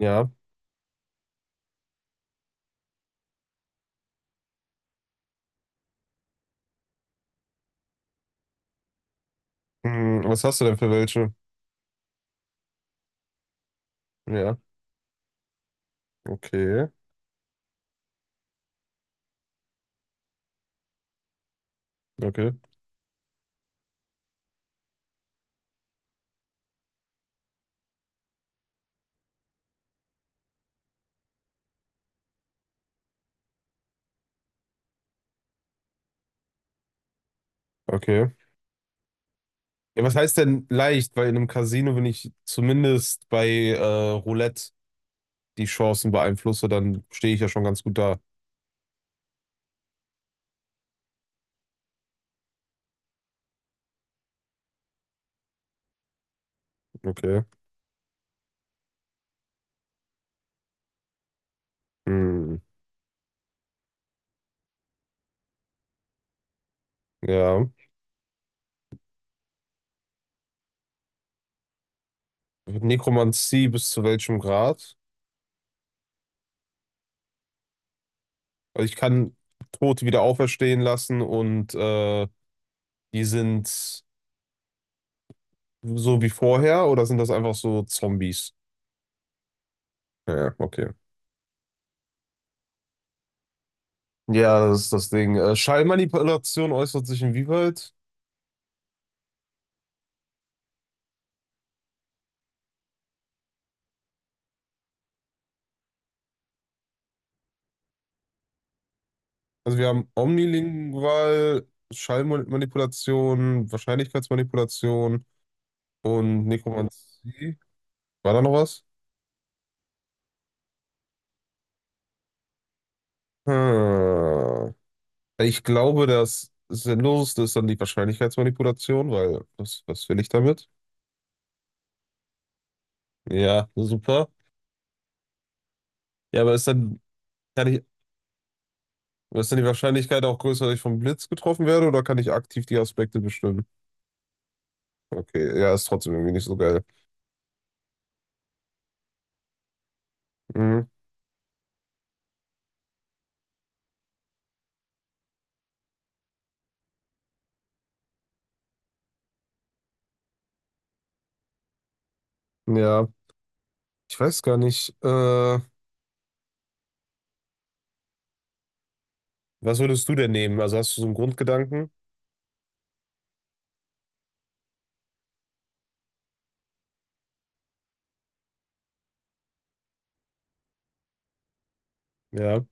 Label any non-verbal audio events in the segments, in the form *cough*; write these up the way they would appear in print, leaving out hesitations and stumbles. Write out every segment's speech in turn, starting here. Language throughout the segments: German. Ja. Hm, was hast du denn für welche? Ja, okay, okay, okay. Ja, was heißt denn leicht? Weil in einem Casino, wenn ich zumindest bei Roulette die Chancen beeinflusse, dann stehe ich ja schon ganz gut da. Okay. Hm, ja. Nekromantie bis zu welchem Grad? Also ich kann Tote wieder auferstehen lassen und die sind so wie vorher oder sind das einfach so Zombies? Ja, okay. Ja, das ist das Ding. Schallmanipulation äußert sich inwieweit? Also wir haben omnilingual, Schallmanipulation, Wahrscheinlichkeitsmanipulation und Nekromantie. War da noch was? Hm. Ich glaube, das Sinnloseste ist dann die Wahrscheinlichkeitsmanipulation, weil was will ich damit? Ja, super. Ja, kann ich, ist dann die Wahrscheinlichkeit auch größer, dass ich vom Blitz getroffen werde oder kann ich aktiv die Aspekte bestimmen? Okay, ja, ist trotzdem irgendwie nicht so geil. Mhm. Ja. Ich weiß gar nicht, was würdest du denn nehmen? Also hast du so einen Grundgedanken? Ja.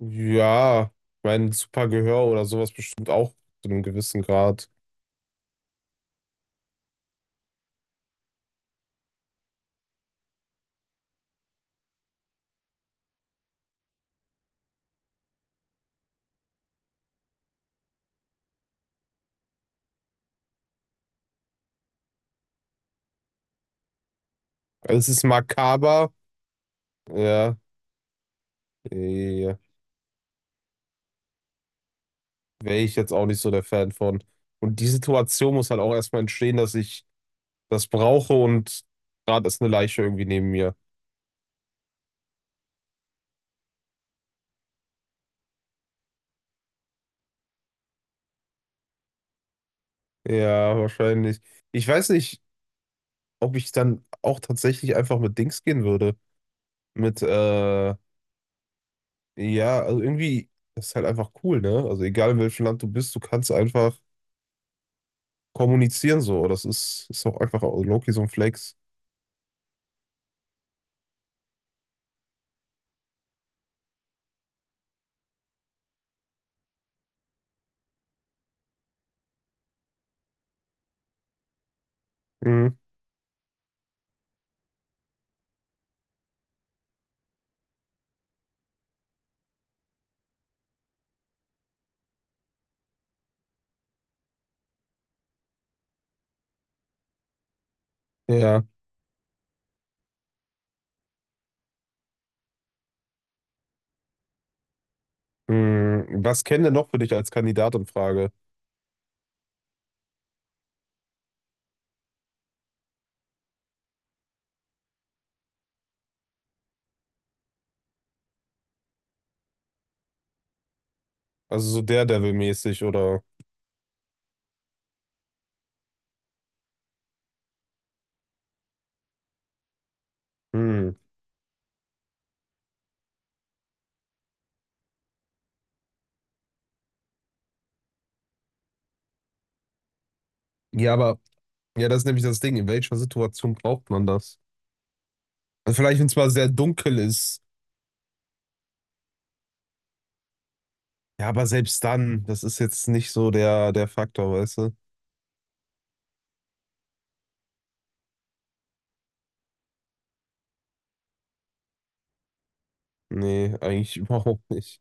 Ja, mein super Gehör oder sowas bestimmt auch zu einem gewissen Grad. Es ist makaber. Ja, äh, wäre ich jetzt auch nicht so der Fan von. Und die Situation muss halt auch erstmal entstehen, dass ich das brauche und gerade ist eine Leiche irgendwie neben mir. Ja, wahrscheinlich. Ich weiß nicht, ob ich dann auch tatsächlich einfach mit Dings gehen würde. Mit, äh, Ja, also irgendwie das ist halt einfach cool, ne? Also egal in welchem Land du bist, du kannst einfach kommunizieren so. Ist auch einfach auch Loki so ein Flex. Mhm. Ja. Mhm. Was kennen denn noch für dich als Kandidat in Frage? Also so Daredevil-mäßig oder. Mhm. Ja, aber ja, das ist nämlich das Ding. In welcher Situation braucht man das? Also vielleicht, wenn es mal sehr dunkel ist. Ja, aber selbst dann, das ist jetzt nicht so der Faktor, weißt du? Nee, eigentlich *laughs* überhaupt nicht.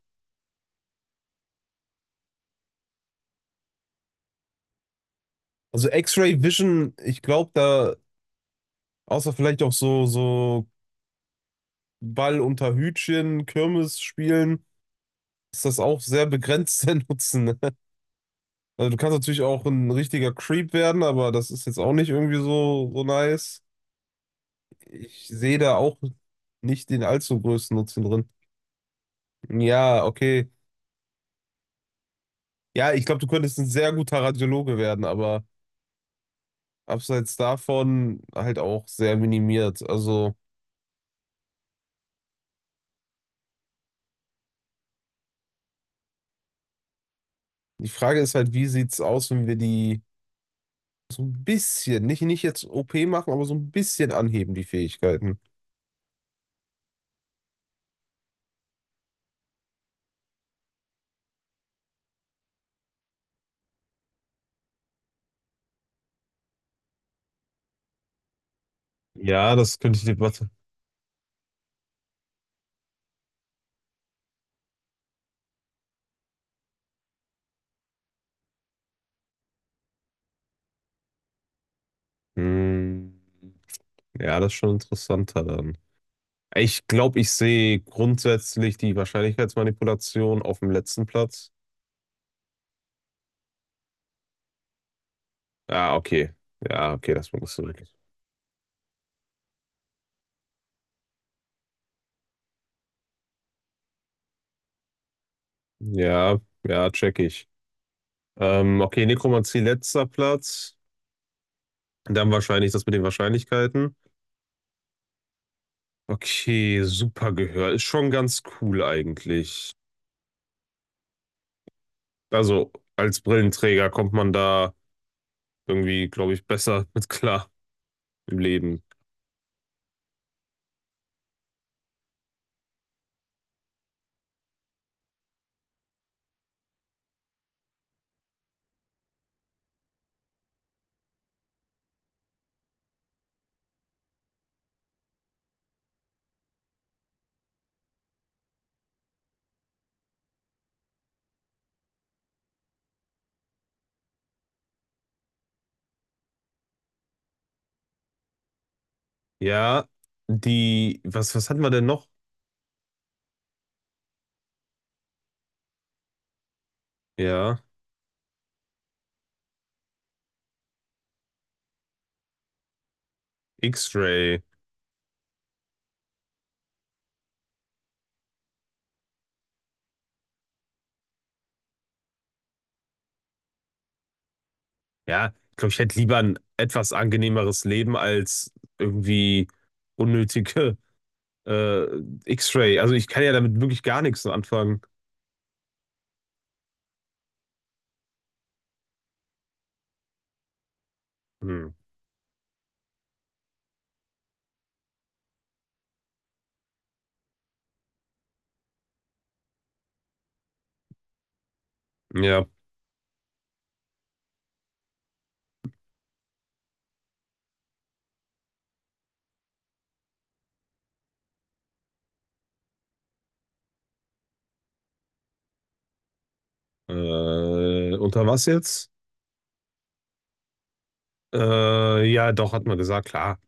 Also X-Ray Vision, ich glaube, da. Außer vielleicht auch so Ball unter Hütchen, Kirmes spielen, ist das auch sehr begrenzt der *laughs* Nutzen. Ne? Also du kannst natürlich auch ein richtiger Creep werden, aber das ist jetzt auch nicht irgendwie so nice. Ich sehe da auch nicht den allzu größten Nutzen drin. Ja, okay. Ja, ich glaube, du könntest ein sehr guter Radiologe werden, aber abseits davon halt auch sehr minimiert. Also die Frage ist halt, wie sieht's aus, wenn wir die. So ein bisschen, nicht jetzt OP machen, aber so ein bisschen anheben die Fähigkeiten. Ja, das könnte ich dir. Warte. Hm, ja, das ist schon interessanter dann. Ich glaube, ich sehe grundsätzlich die Wahrscheinlichkeitsmanipulation auf dem letzten Platz. Ah, okay. Ja, okay, das musst du wirklich. Ja, ja, check ich. Okay, Nekromantie letzter Platz. Dann wahrscheinlich das mit den Wahrscheinlichkeiten. Okay, super Gehör ist schon ganz cool eigentlich. Also als Brillenträger kommt man da irgendwie, glaube ich, besser *laughs* mit klar im Leben. Ja, die, was hatten wir denn noch? Ja, X-Ray. Ja, ich glaube, ich hätte lieber ein etwas angenehmeres Leben als irgendwie unnötige äh, X-Ray. Also ich kann ja damit wirklich gar nichts anfangen. Hm. Ja, unter was jetzt? Ja, doch, hat man gesagt, klar.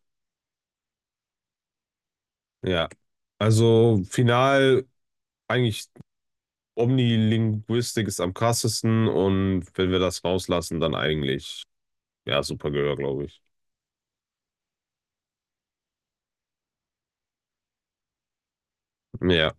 Ja, also final eigentlich Omnilinguistik ist am krassesten und wenn wir das rauslassen, dann eigentlich, ja, super Gehör, glaube ich. Ja.